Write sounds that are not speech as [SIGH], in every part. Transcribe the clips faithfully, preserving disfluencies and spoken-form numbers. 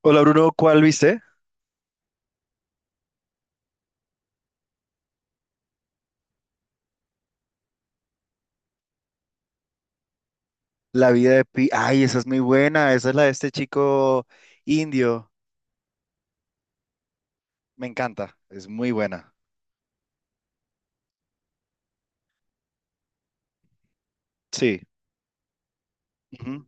Hola Bruno, ¿cuál viste? La vida de Pi. Ay, esa es muy buena. Esa es la de este chico indio. Me encanta. Es muy buena. Sí. Ujú.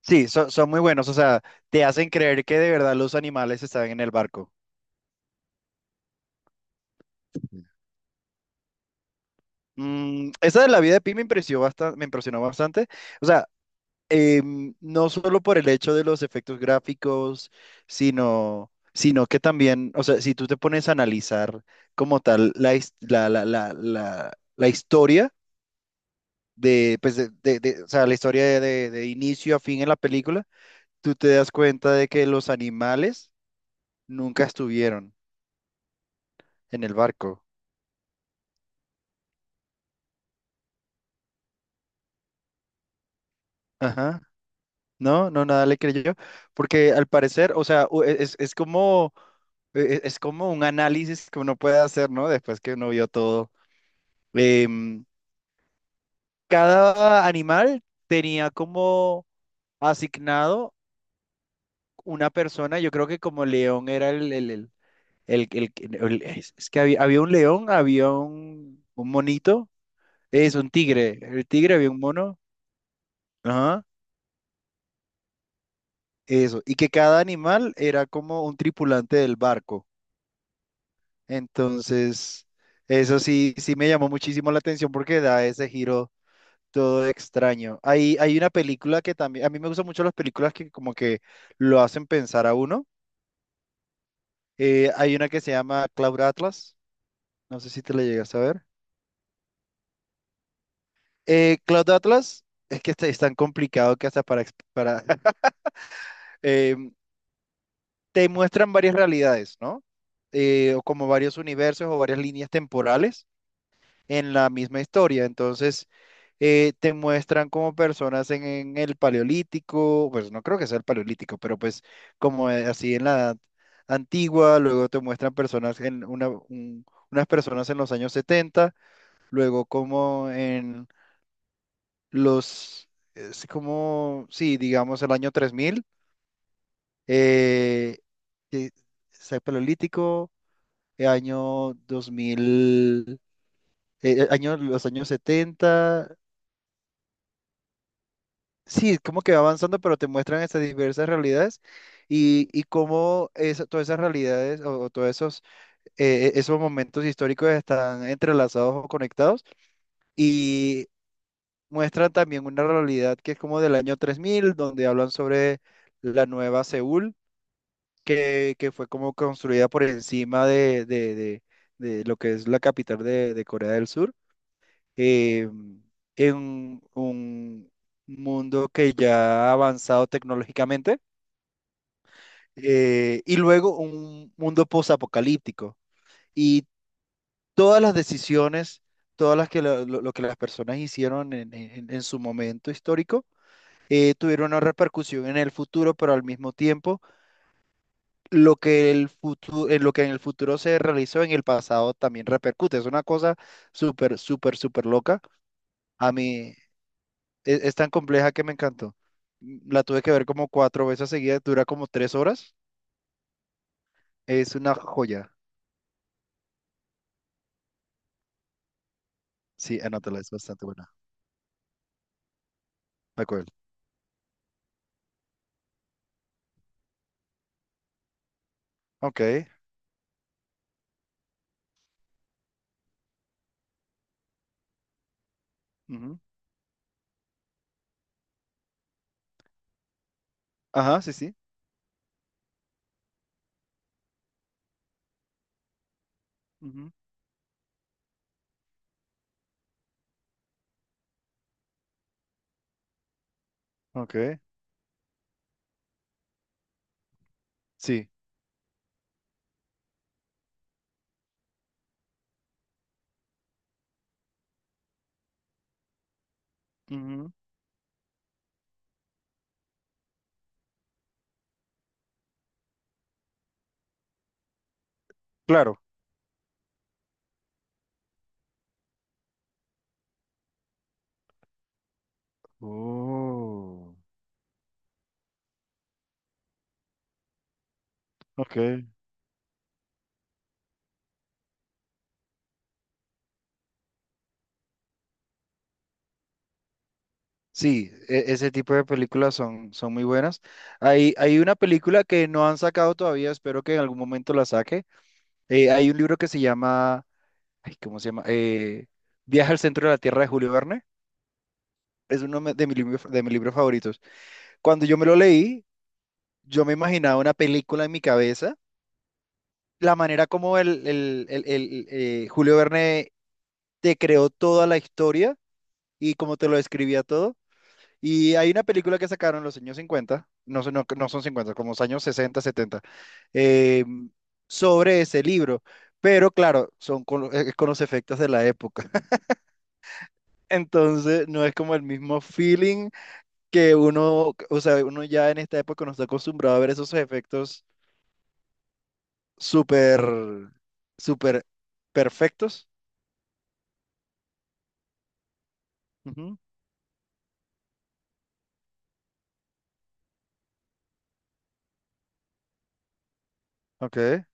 Sí, so- son muy buenos. O sea, te hacen creer que de verdad los animales están en el barco. Sí. Mm, esa de la vida de Pi me impresionó bastante, me impresionó bastante. O sea, em, no solo por el hecho de los efectos gráficos, sino, sino que también, o sea, si tú te pones a analizar como tal la, his- la, la, la, la la historia. de, pues de, de- de- o sea, la historia de, de- de inicio a fin en la película, tú te das cuenta de que los animales nunca estuvieron en el barco. Ajá. No, no, nada le creyó. Porque al parecer, o sea, u- e, es, es como, e- e, es como un análisis que uno puede hacer, ¿no? Después que uno vio todo. Em, cada animal tenía como asignado una persona. Yo creo que como león era el, el, el- El, el- el- es es que había, había un león, había un, un, monito, es un tigre, el tigre había un mono, ajá, eso, y que cada animal era como un tripulante del barco. Entonces, eso sí, sí me llamó muchísimo la atención porque da ese giro todo extraño. Hay, hay una película que también, a mí me gustan mucho las películas que como que lo hacen pensar a uno. Eh, hay una que se llama Cloud Atlas, no sé si te la llegas a ver. Eh, Cloud Atlas es que este es tan complicado que hasta para, ex- para [LAUGHS] eh, te muestran varias realidades, ¿no? Eh, o como varios universos o varias líneas temporales en la misma historia. Entonces, eh, te muestran como personas en, en, el paleolítico, pues no creo que sea el paleolítico, pero pues como eh, así en la edad antigua. Luego te muestran personas en una, un- unas personas en los años setenta, luego como en los, es como, sí, digamos el año tres mil. eh, que es paleolítico, el año dos mil, eh, año, los años setenta. Sí, como que va avanzando, pero te muestran estas diversas realidades, y, y cómo esa- todas esas realidades, o, o todos esos, eh, esos momentos históricos están entrelazados o conectados. Y muestran también una realidad que es como del año tres mil, donde hablan sobre la nueva Seúl que, que fue como construida por encima de, de- de- de lo que es la capital de, de Corea del Sur, eh, en un mundo que ya ha avanzado tecnológicamente, eh, y luego un mundo posapocalíptico. Y todas las decisiones, todas las que la- lo, lo que las personas hicieron en, en- en su momento histórico, eh, tuvieron una repercusión en el futuro, pero al mismo tiempo lo que el futuro, lo que en el futuro se realizó en el pasado también repercute. Es una cosa súper, súper, súper loca. A mí es, es tan compleja que me encantó. Mm, La tuve que ver como cuatro veces seguidas, dura como tres horas. Es una joya. Sí, anótala, es bastante buena. De acuerdo. Ok. Ujú. Ajá, sí, sí. Ujú. Ok. Sí. Ujú. Claro. Oh, ok. Sí, e- ese tipo de películas son, son muy buenas. Hay, hay una película que no han sacado todavía, espero que en algún momento la saque. Eh, hay un libro que se llama, ay, ¿cómo se llama? Eh, Viaje al centro de la Tierra de Julio Verne. Es uno me- de, mi libro- de mis libros favoritos. Cuando yo me lo leí, yo me imaginaba una película en mi cabeza. La manera como el, el- el- el, eh, Julio Verne te creó toda la historia y cómo te lo describía todo. Y hay una película que sacaron en los años cincuenta, no, son- no, no son cincuenta, como los años sesenta setenta, eh, sobre ese libro. Pero claro, son con, lo- es con los efectos de la época. [LAUGHS] Entonces, no es como el mismo feeling que uno, o sea, uno ya en esta época no está acostumbrado a ver esos efectos súper, súper perfectos. Ujú. Ok,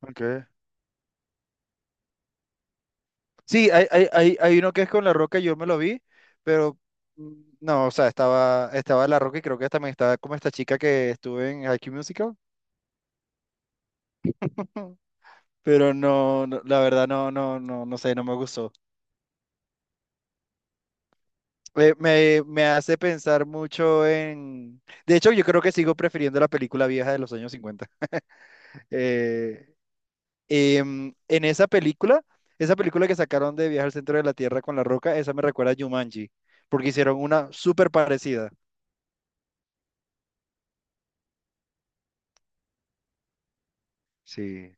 ok. Sí, hay, hay, hay, hay uno que es con La Roca, yo me lo vi, pero mm, no, o sea, estaba, estaba La Roca, y creo que también estaba como esta chica que estuve en High School Musical. [LAUGHS] Pero no, no, la verdad no, no, no, no sé, no me gustó. Eh, me, me hace pensar mucho en. De hecho, yo creo que sigo prefiriendo la película vieja de los años cincuenta. [LAUGHS] Eh, em, en esa película, esa película que sacaron de Viaje al Centro de la Tierra con La Roca, esa me recuerda a Jumanji, porque hicieron una súper parecida. Sí.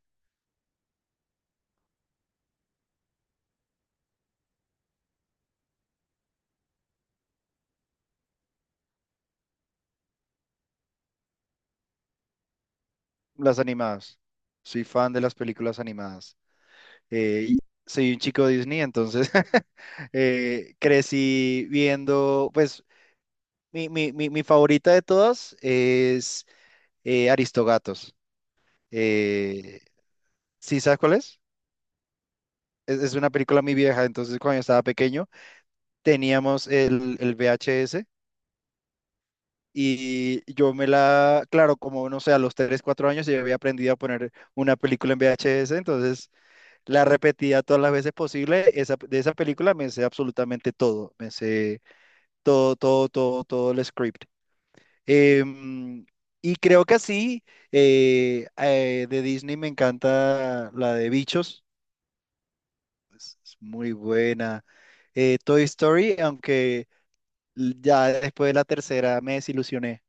Las animadas. Soy fan de las películas animadas. Eh, y soy un chico Disney, entonces [LAUGHS] eh, crecí viendo, pues mi, mi- mi- mi favorita de todas es eh, Aristogatos. Eh, ¿Sí sabes cuál es? es? Es una película muy vieja, entonces cuando yo estaba pequeño teníamos el, el V H S, y yo me la, claro, como no sé, a los tres cuatro años yo había aprendido a poner una película en V H S, entonces. La repetía todas las veces posible. Esa, de esa película me sé absolutamente todo. Me sé todo, todo, todo, todo el script. Em, y creo que así, eh, eh, de Disney me encanta la de Bichos. Es, es muy buena. Eh, Toy Story, aunque l- ya después de la tercera me desilusioné.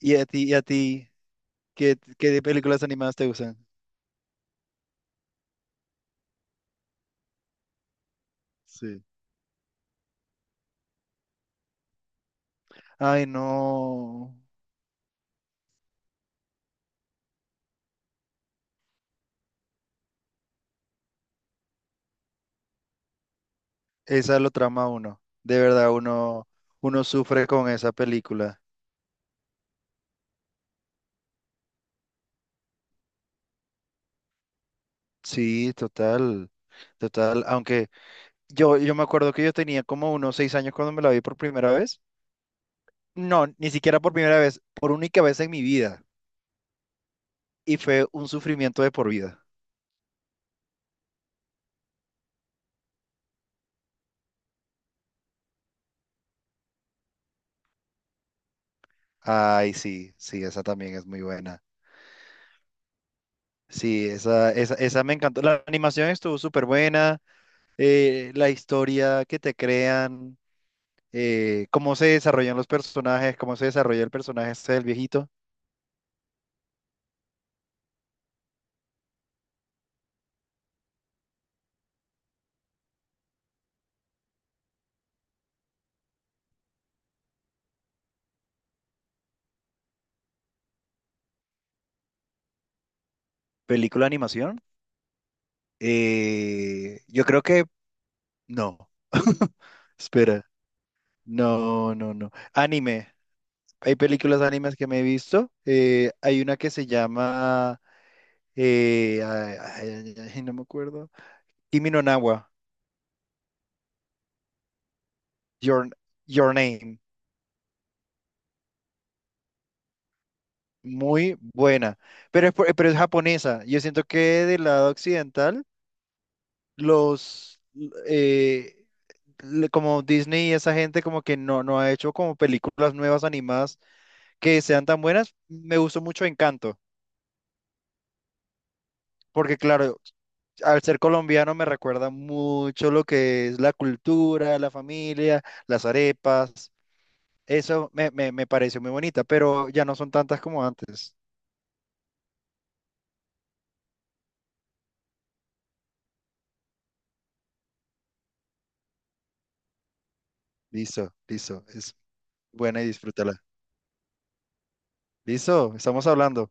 ¿Y a ti, y a ti, qué, qué películas animadas te gustan? Sí. Ay, no. Esa lo trama uno. De verdad, uno, uno, sufre con esa película. Sí, total, total. Aunque yo, yo me acuerdo que yo tenía como unos seis años cuando me la vi por primera vez. No, ni siquiera por primera vez, por única vez en mi vida. Y fue un sufrimiento de por vida. Ay, sí, sí, esa también es muy buena. Sí, esa, esa, esa me encantó. La animación estuvo súper buena. eh, la historia que te crean. eh, cómo se desarrollan los personajes, cómo se desarrolla el personaje este del viejito. Película de animación. Eh, yo creo que no. [LAUGHS] Espera. No, no, no. Anime. Hay películas animes que me he visto. eh, hay una que se llama. Eh, ay, ay, ay, ay, no me acuerdo. Kimi no na wa, Your, Your Name. Muy buena. Pero es, por- pero es japonesa. Yo siento que del lado occidental, los. eh, le- como Disney y esa gente como que no, no, ha hecho como películas nuevas animadas que sean tan buenas. Me gustó mucho Encanto, porque claro, al ser colombiano me recuerda mucho lo que es la cultura, la familia, las arepas. Eso me, me, me pareció muy bonita, pero ya no son tantas como antes. Listo, listo, es buena y disfrútala. Listo, estamos hablando.